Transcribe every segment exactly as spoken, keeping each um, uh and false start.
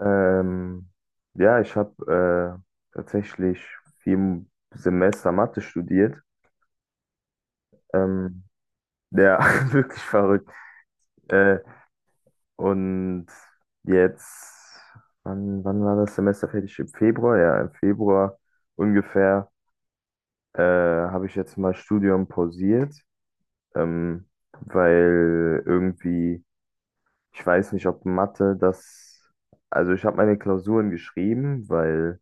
Ähm, ja, Ich habe äh, tatsächlich vier Semester Mathe studiert. Ähm, ja, wirklich verrückt. Äh, und jetzt, wann, wann war das Semester fertig? Im Februar? Ja, im Februar ungefähr äh, habe ich jetzt mal Studium pausiert, ähm, weil irgendwie, ich weiß nicht, ob Mathe das, also ich habe meine Klausuren geschrieben, weil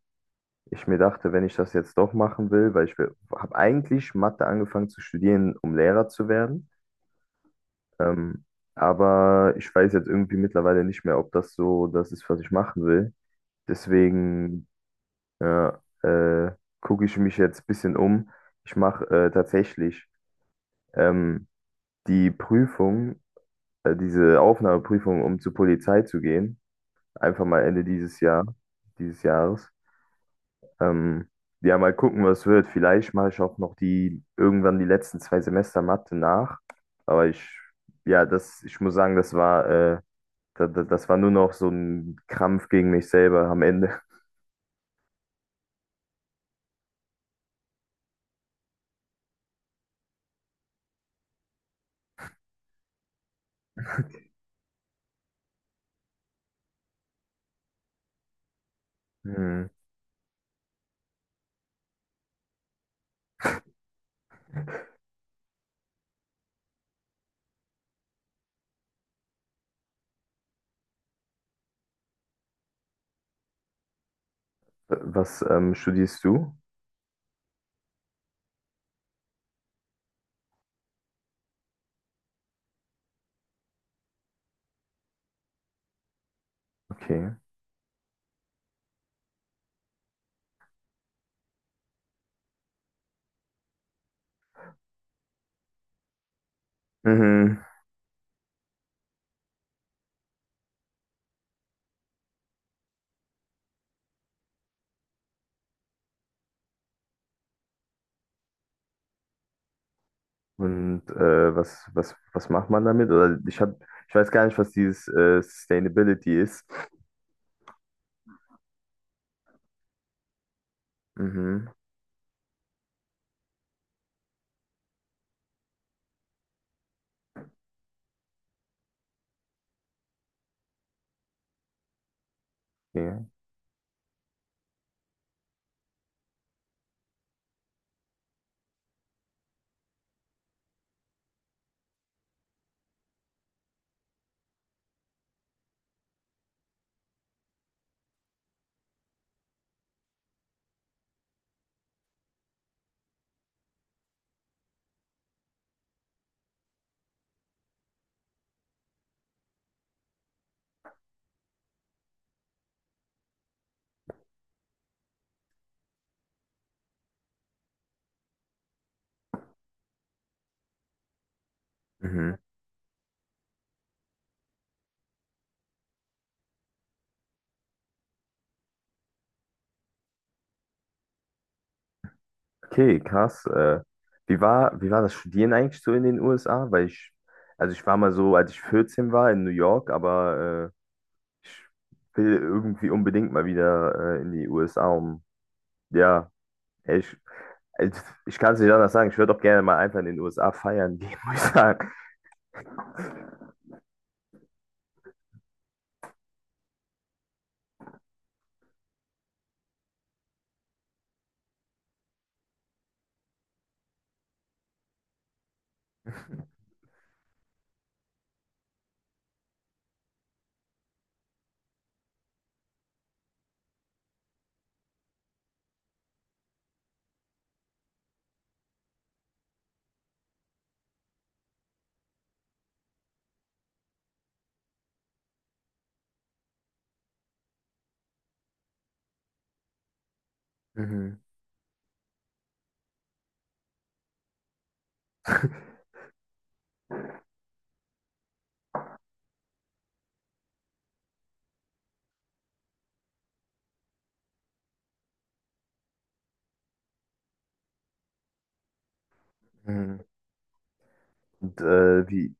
ich mir dachte, wenn ich das jetzt doch machen will, weil ich habe eigentlich Mathe angefangen zu studieren, um Lehrer zu werden. Ähm, aber ich weiß jetzt irgendwie mittlerweile nicht mehr, ob das so das ist, was ich machen will. Deswegen ja, äh, gucke ich mich jetzt ein bisschen um. Ich mache äh, tatsächlich ähm, die Prüfung, äh, diese Aufnahmeprüfung, um zur Polizei zu gehen. Einfach mal Ende dieses Jahr, dieses Jahres. Ähm, ja, mal gucken, was wird. Vielleicht mache ich auch noch die irgendwann die letzten zwei Semester Mathe nach. Aber ich, ja, das, ich muss sagen, das war, äh, das, das war nur noch so ein Krampf gegen mich selber am Ende. Hm. Was ähm, studierst du? Okay. Mhm. Und äh, was, was, was macht man damit? Oder ich hab, ich weiß gar nicht, was dieses äh, Sustainability ist. Mhm. Okay. Mhm. Okay, krass. Äh, wie war, wie war das Studieren eigentlich so in den U S A? Weil ich, also ich war mal so, als ich vierzehn war in New York, aber äh, ich will irgendwie unbedingt mal wieder äh, in die U S A, um, ja, ich, ich, also, ich kann es nicht anders sagen. Ich würde auch gerne mal einfach in den U S A feiern gehen, muss ich sagen. Mhm. Mhm. Und äh, wie,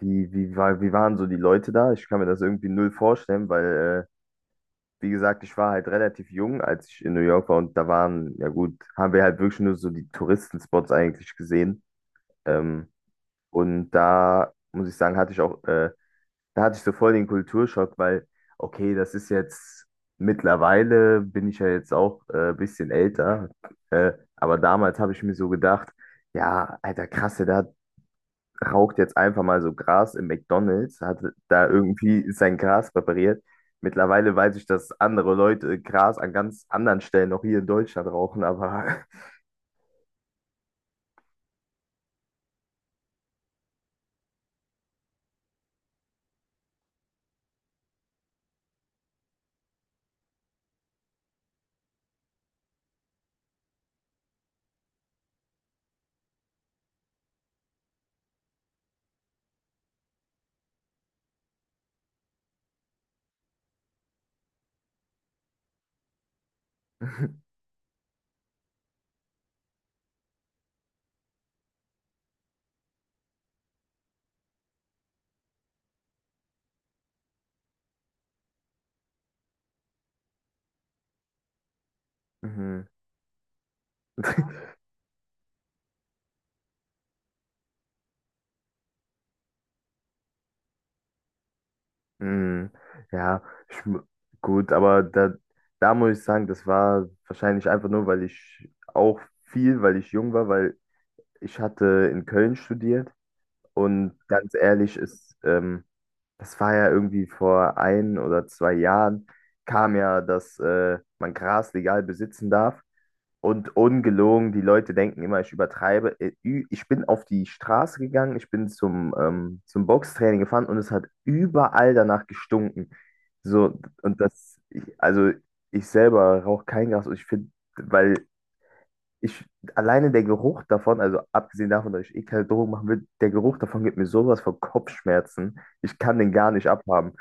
wie, wie war, wie waren so die Leute da? Ich kann mir das irgendwie null vorstellen, weil äh, wie gesagt, ich war halt relativ jung, als ich in New York war und da waren, ja gut, haben wir halt wirklich nur so die Touristenspots eigentlich gesehen. Ähm, und da muss ich sagen, hatte ich auch, äh, da hatte ich so voll den Kulturschock, weil, okay, das ist jetzt, mittlerweile bin ich ja jetzt auch äh, ein bisschen älter, äh, aber damals habe ich mir so gedacht, ja, Alter, krass, da raucht jetzt einfach mal so Gras im McDonald's, hat da irgendwie sein Gras präpariert. Mittlerweile weiß ich, dass andere Leute Gras an ganz anderen Stellen auch hier in Deutschland rauchen, aber Mhm. Mhm. Ja, ich, mu- gut, aber da, da muss ich sagen, das war wahrscheinlich einfach nur, weil ich auch viel, weil ich jung war, weil ich hatte in Köln studiert und ganz ehrlich ist, ähm, das war ja irgendwie vor ein oder zwei Jahren, kam ja, dass äh, man Gras legal besitzen darf. Und ungelogen, die Leute denken immer, ich übertreibe. Äh, ü- Ich bin auf die Straße gegangen, ich bin zum, ähm, zum Boxtraining gefahren und es hat überall danach gestunken. So, und das, ich, also ich selber rauche kein Gras und ich finde, weil ich alleine der Geruch davon, also abgesehen davon, dass ich eh keine Drogen machen will, der Geruch davon gibt mir sowas von Kopfschmerzen. Ich kann den gar nicht abhaben.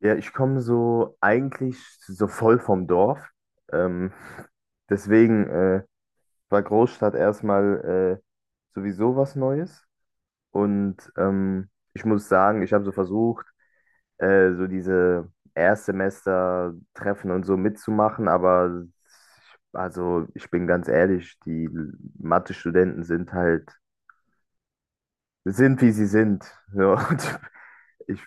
Ja, ich komme so eigentlich so voll vom Dorf. Ähm, deswegen äh, war Großstadt erstmal äh, sowieso was Neues. Und ähm, ich muss sagen, ich habe so versucht, äh, so diese Erstsemester-Treffen und so mitzumachen, aber ich, also ich bin ganz ehrlich, die Mathe-Studenten sind halt, sind wie sie sind. So, und ich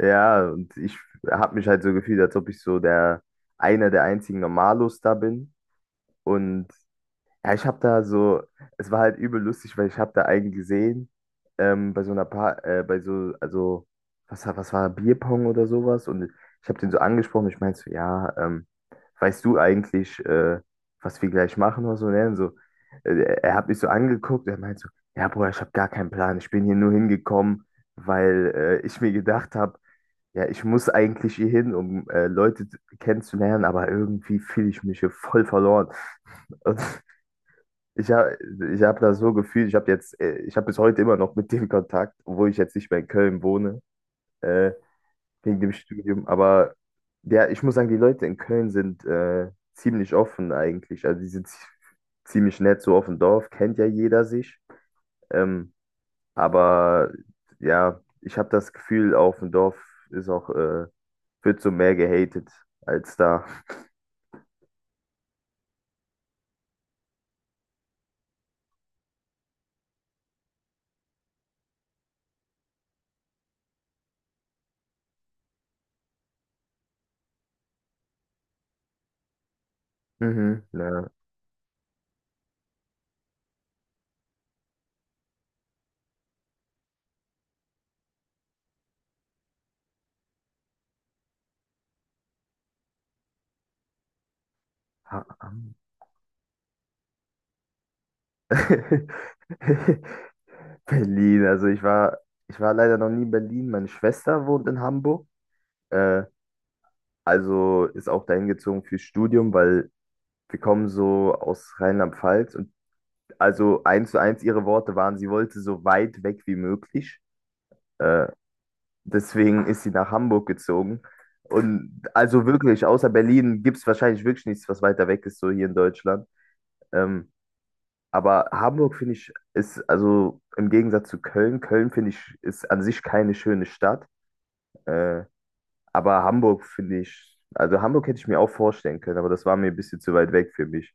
Ja, und ich habe mich halt so gefühlt, als ob ich so der einer der einzigen Normalos da bin. Und ja, ich habe da so, es war halt übel lustig, weil ich habe da einen gesehen, ähm, bei so einer Paar, äh, bei so, also, was, war- was war, Bierpong oder sowas. Und ich habe den so angesprochen, ich meinte so, ja, ähm, weißt du eigentlich, äh, was wir gleich machen oder so? Und er dann so, äh, er hat mich so angeguckt, er meinte so, ja, Bruder, ich habe gar keinen Plan, ich bin hier nur hingekommen, weil äh, ich mir gedacht habe, ja, ich muss eigentlich hier hin, um äh, Leute t- kennenzulernen, aber irgendwie fühle ich mich hier voll verloren. Und ich habe ich hab das so gefühlt, ich habe jetzt, äh, ich habe bis heute immer noch mit dem Kontakt, obwohl ich jetzt nicht mehr in Köln wohne, äh, wegen dem Studium. Aber ja, ich muss sagen, die Leute in Köln sind äh, ziemlich offen eigentlich. Also die sind zi- ziemlich nett, so auf dem Dorf, kennt ja jeder sich. Ähm, aber ja, ich habe das Gefühl, auf dem Dorf ist auch äh, wird so mehr gehatet als da. Mhm. Ja. Ha- am- Berlin, also ich war, ich war leider noch nie in Berlin. Meine Schwester wohnt in Hamburg. Äh, also ist auch dahin gezogen fürs Studium, weil wir kommen so aus Rheinland-Pfalz und also eins zu eins ihre Worte waren, sie wollte so weit weg wie möglich. Äh, Deswegen ist sie nach Hamburg gezogen. Und also wirklich, außer Berlin gibt es wahrscheinlich wirklich nichts, was weiter weg ist, so hier in Deutschland. Ähm, aber Hamburg finde ich, ist also im Gegensatz zu Köln, Köln finde ich, ist an sich keine schöne Stadt. Äh, aber Hamburg finde ich, also Hamburg hätte ich mir auch vorstellen können, aber das war mir ein bisschen zu weit weg für mich.